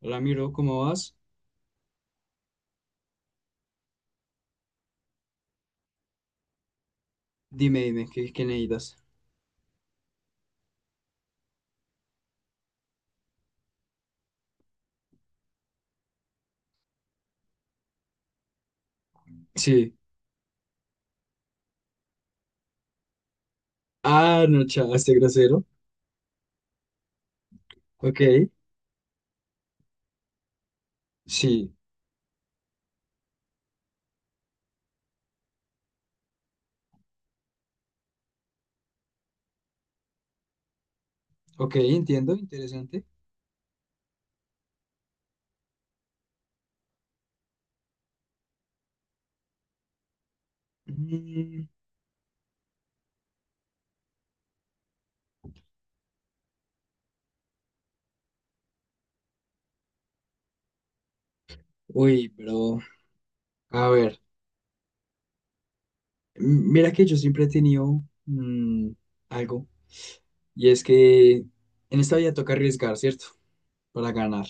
Hola, miro, ¿cómo vas? Dime, ¿qué necesitas? Sí. Ah, no, chao, este grosero. Ok, sí. Ok, entiendo, interesante. Mm, uy, bro. A ver, mira que yo siempre he tenido algo, y es que en esta vida toca arriesgar, ¿cierto? Para ganar.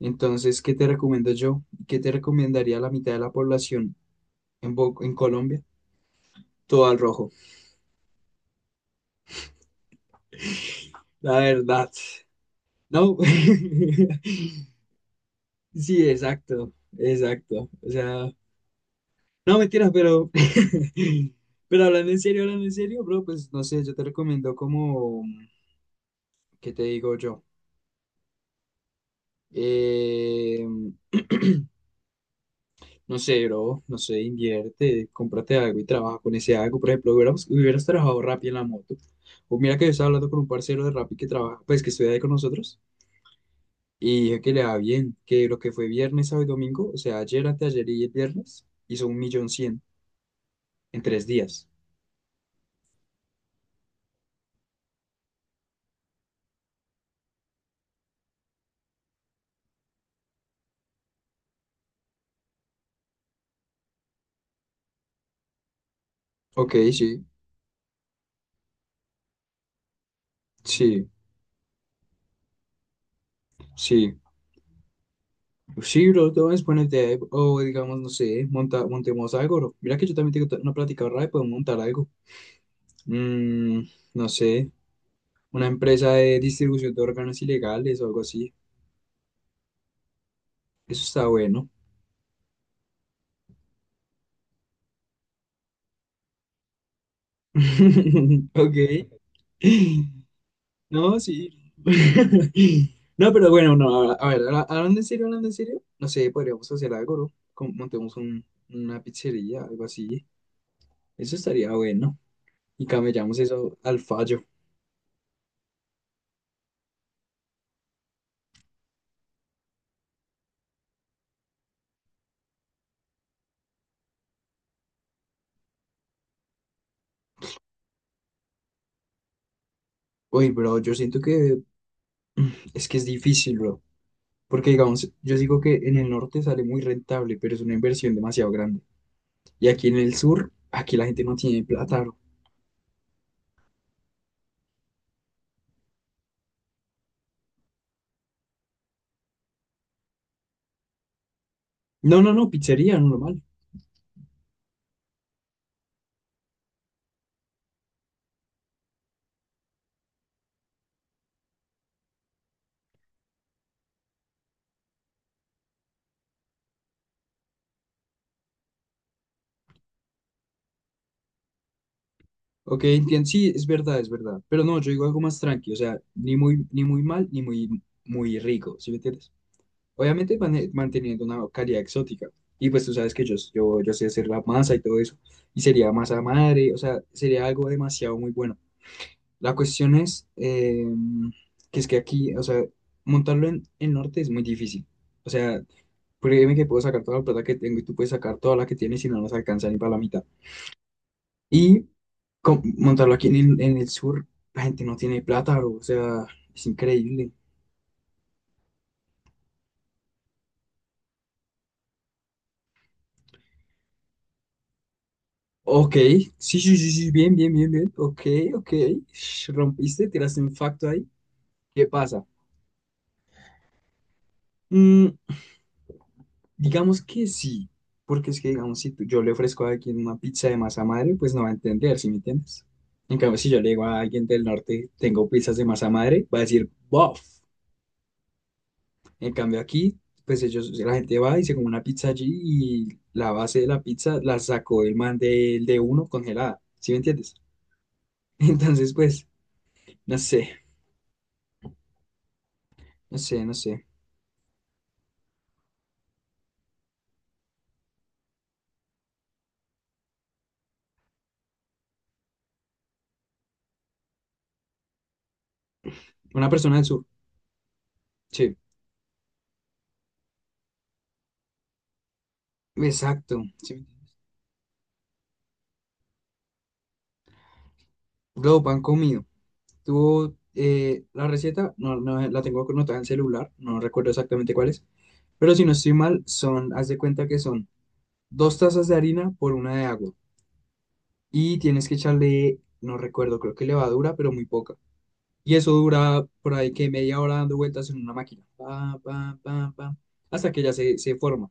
Entonces, ¿qué te recomiendo yo? ¿Qué te recomendaría la mitad de la población en, en Colombia? Todo al rojo. La verdad. No. Sí, exacto, exacto. O sea, no mentiras, pero, pero hablando en serio, bro, pues no sé, yo te recomiendo como, ¿qué te digo yo? Eh, no sé, bro, no sé, invierte, cómprate algo y trabaja con ese algo. Por ejemplo, hubieras trabajado Rappi en la moto. O mira que yo estaba hablando con un parcero de Rappi que trabaja, pues que estudia ahí con nosotros, y dije que le va bien, que lo que fue viernes, sábado y domingo, o sea, ayer, anteayer y el viernes, hizo 1.100.000 en tres días. Ok, sí. Sí, sí. Sí, bro, todo es buena idea. O digamos, no sé, montemos algo, bro. Mira que yo también tengo una plática ahorrada y podemos montar algo. Mm, no sé, una empresa de distribución de órganos ilegales o algo así. Eso está bueno. Ok. No, sí. No, pero bueno, no, a ver, hablando en serio, no sé, podríamos hacer algo, bro. Montemos una pizzería, algo así. Eso estaría bueno. Y camellamos eso al fallo. Uy, bro, yo siento que es que es difícil, bro. Porque, digamos, yo digo que en el norte sale muy rentable, pero es una inversión demasiado grande. Y aquí en el sur, aquí la gente no tiene plata, bro. No, no, no, pizzería, normal. Ok, entiendo. Sí, es verdad, es verdad. Pero no, yo digo algo más tranqui. O sea, ni muy, ni muy mal, ni muy, muy rico, ¿sí me entiendes? Obviamente manteniendo una calidad exótica. Y pues tú sabes que yo, yo sé hacer la masa y todo eso. Y sería masa madre, o sea, sería algo demasiado muy bueno. La cuestión es que es que aquí, o sea, montarlo en el norte es muy difícil. O sea, créeme que puedo sacar toda la plata que tengo y tú puedes sacar toda la que tienes y no nos alcanza ni para la mitad. Y montarlo aquí en el sur, la gente no tiene plata, bro. O sea, es increíble. Ok, sí, sí, sí, sí, bien, bien, bien, bien. Ok, ok. Sh, rompiste, tiraste un facto ahí. ¿Qué pasa? Mm, Digamos que sí, porque es que, digamos, si tú- yo le ofrezco a alguien una pizza de masa madre, pues no va a entender, ¿sí me entiendes? En cambio, si yo le digo a alguien del norte, tengo pizzas de masa madre, va a decir, bof. En cambio, aquí, pues ellos, la gente va y se come una pizza allí y la base de la pizza la sacó el man del de uno congelada, ¿sí me entiendes? Entonces, pues, no sé, no sé, no sé. Una persona del sur, sí, exacto, sí. Lo pan comido. Tú, la receta, no la tengo anotada en celular, no recuerdo exactamente cuál es, pero si no estoy mal, son, haz de cuenta que son 2 tazas de harina por una de agua y tienes que echarle, no recuerdo, creo que levadura, pero muy poca. Y eso dura por ahí que media hora dando vueltas en una máquina, pa, pa, pa, pa, hasta que ya se forma.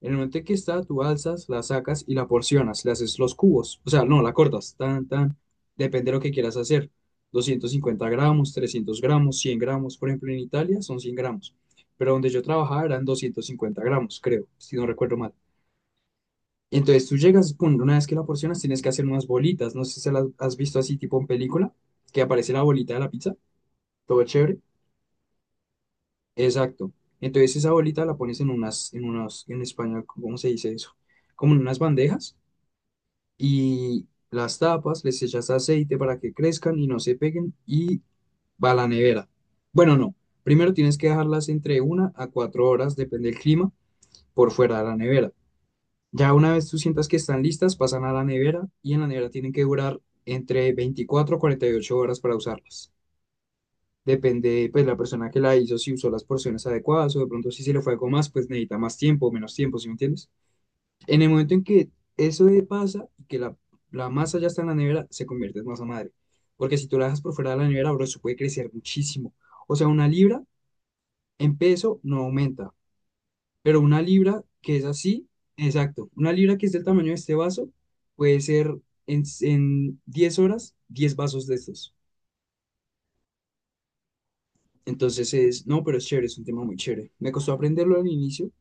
En el momento en que está, tú alzas, la sacas y la porcionas, le haces los cubos, o sea, no, la cortas, tan, tan, depende de lo que quieras hacer. 250 gramos, 300 gramos, 100 gramos, por ejemplo, en Italia son 100 gramos, pero donde yo trabajaba eran 250 gramos, creo, si no recuerdo mal. Entonces tú llegas, pum, una vez que la porcionas tienes que hacer unas bolitas, no sé si las has visto así tipo en película, que aparece la bolita de la pizza, todo chévere. Exacto. Entonces esa bolita la pones en unas, en unas, en español, ¿cómo se dice eso? Como en unas bandejas y las tapas, les echas aceite para que crezcan y no se peguen y va a la nevera. Bueno, no, primero tienes que dejarlas entre una a 4 horas, depende del clima, por fuera de la nevera. Ya una vez tú sientas que están listas, pasan a la nevera y en la nevera tienen que durar entre 24 a 48 horas para usarlas. Depende, pues, la persona que la hizo, si usó las porciones adecuadas o de pronto si se le fue algo más, pues necesita más tiempo o menos tiempo, ¿sí me entiendes? En el momento en que eso pasa y que la masa ya está en la nevera, se convierte en masa madre. Porque si tú la dejas por fuera de la nevera, bro, eso puede crecer muchísimo. O sea, una libra en peso no aumenta, pero una libra que es así, exacto, una libra que es del tamaño de este vaso, puede ser en 10 horas 10 vasos de estos. Entonces es, no, pero es chévere, es un tema muy chévere. Me costó aprenderlo al inicio.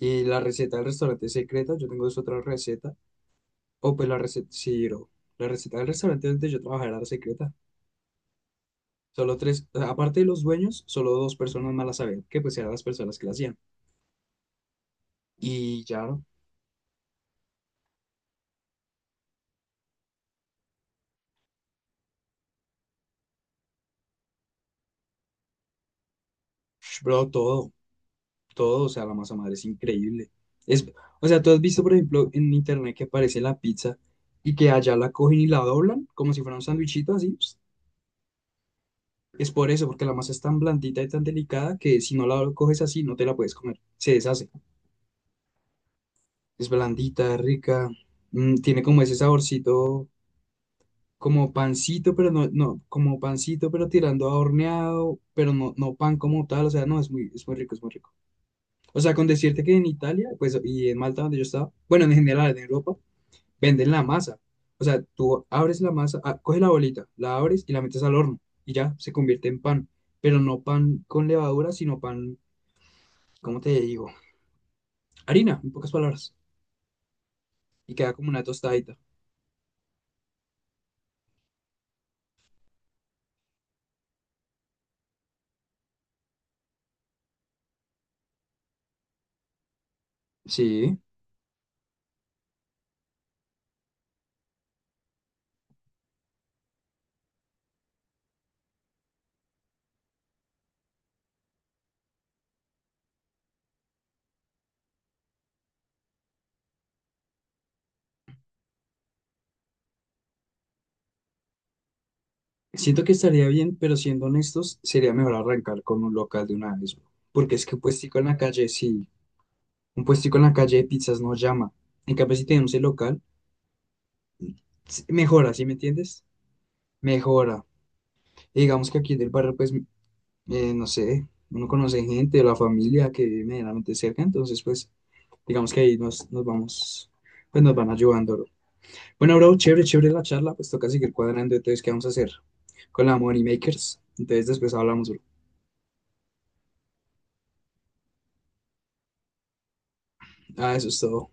La receta del restaurante secreta, yo tengo esta otra receta. O pues la receta, sí, bro. La receta del restaurante donde yo trabajaba era la secreta. Solo tres, o sea, aparte de los dueños, solo dos personas más la sabían, que pues eran las personas que la hacían. Y ya, bro. Bro, todo, todo, o sea, la masa madre es increíble. Es, o sea, tú has visto, por ejemplo, en internet que aparece la pizza y que allá la cogen y la doblan como si fuera un sándwichito así. Ps. Es por eso, porque la masa es tan blandita y tan delicada que si no la coges así, no te la puedes comer. Se deshace. Es blandita, rica, mm, tiene como ese saborcito como pancito, pero no, no, como pancito, pero tirando a horneado, pero no, no pan como tal, o sea, no, es muy rico, es muy rico. O sea, con decirte que en Italia, pues, y en Malta donde yo estaba, bueno, en general, en Europa, venden la masa. O sea, tú abres la masa, ah, coges la bolita, la abres y la metes al horno y ya se convierte en pan, pero no pan con levadura, sino pan, ¿cómo te digo? Harina, en pocas palabras, y queda como una tostadita. Sí. Siento que estaría bien, pero siendo honestos, sería mejor arrancar con un local de una vez, porque es que un puestico en la calle, sí, un puestico en la calle de pizzas no llama. En cambio, si tenemos el local, mejora, ¿sí me entiendes? Mejora. Y digamos que aquí en el barrio, pues, no sé, uno conoce gente de la familia que vive medianamente cerca, entonces, pues, digamos que ahí nos, nos vamos, pues nos van ayudando, bro. Bueno, bro, chévere, chévere la charla, pues toca seguir cuadrando, entonces, ¿qué vamos a hacer? Con la Money Makers, entonces después hablamos, bro. Ah, eso es todo.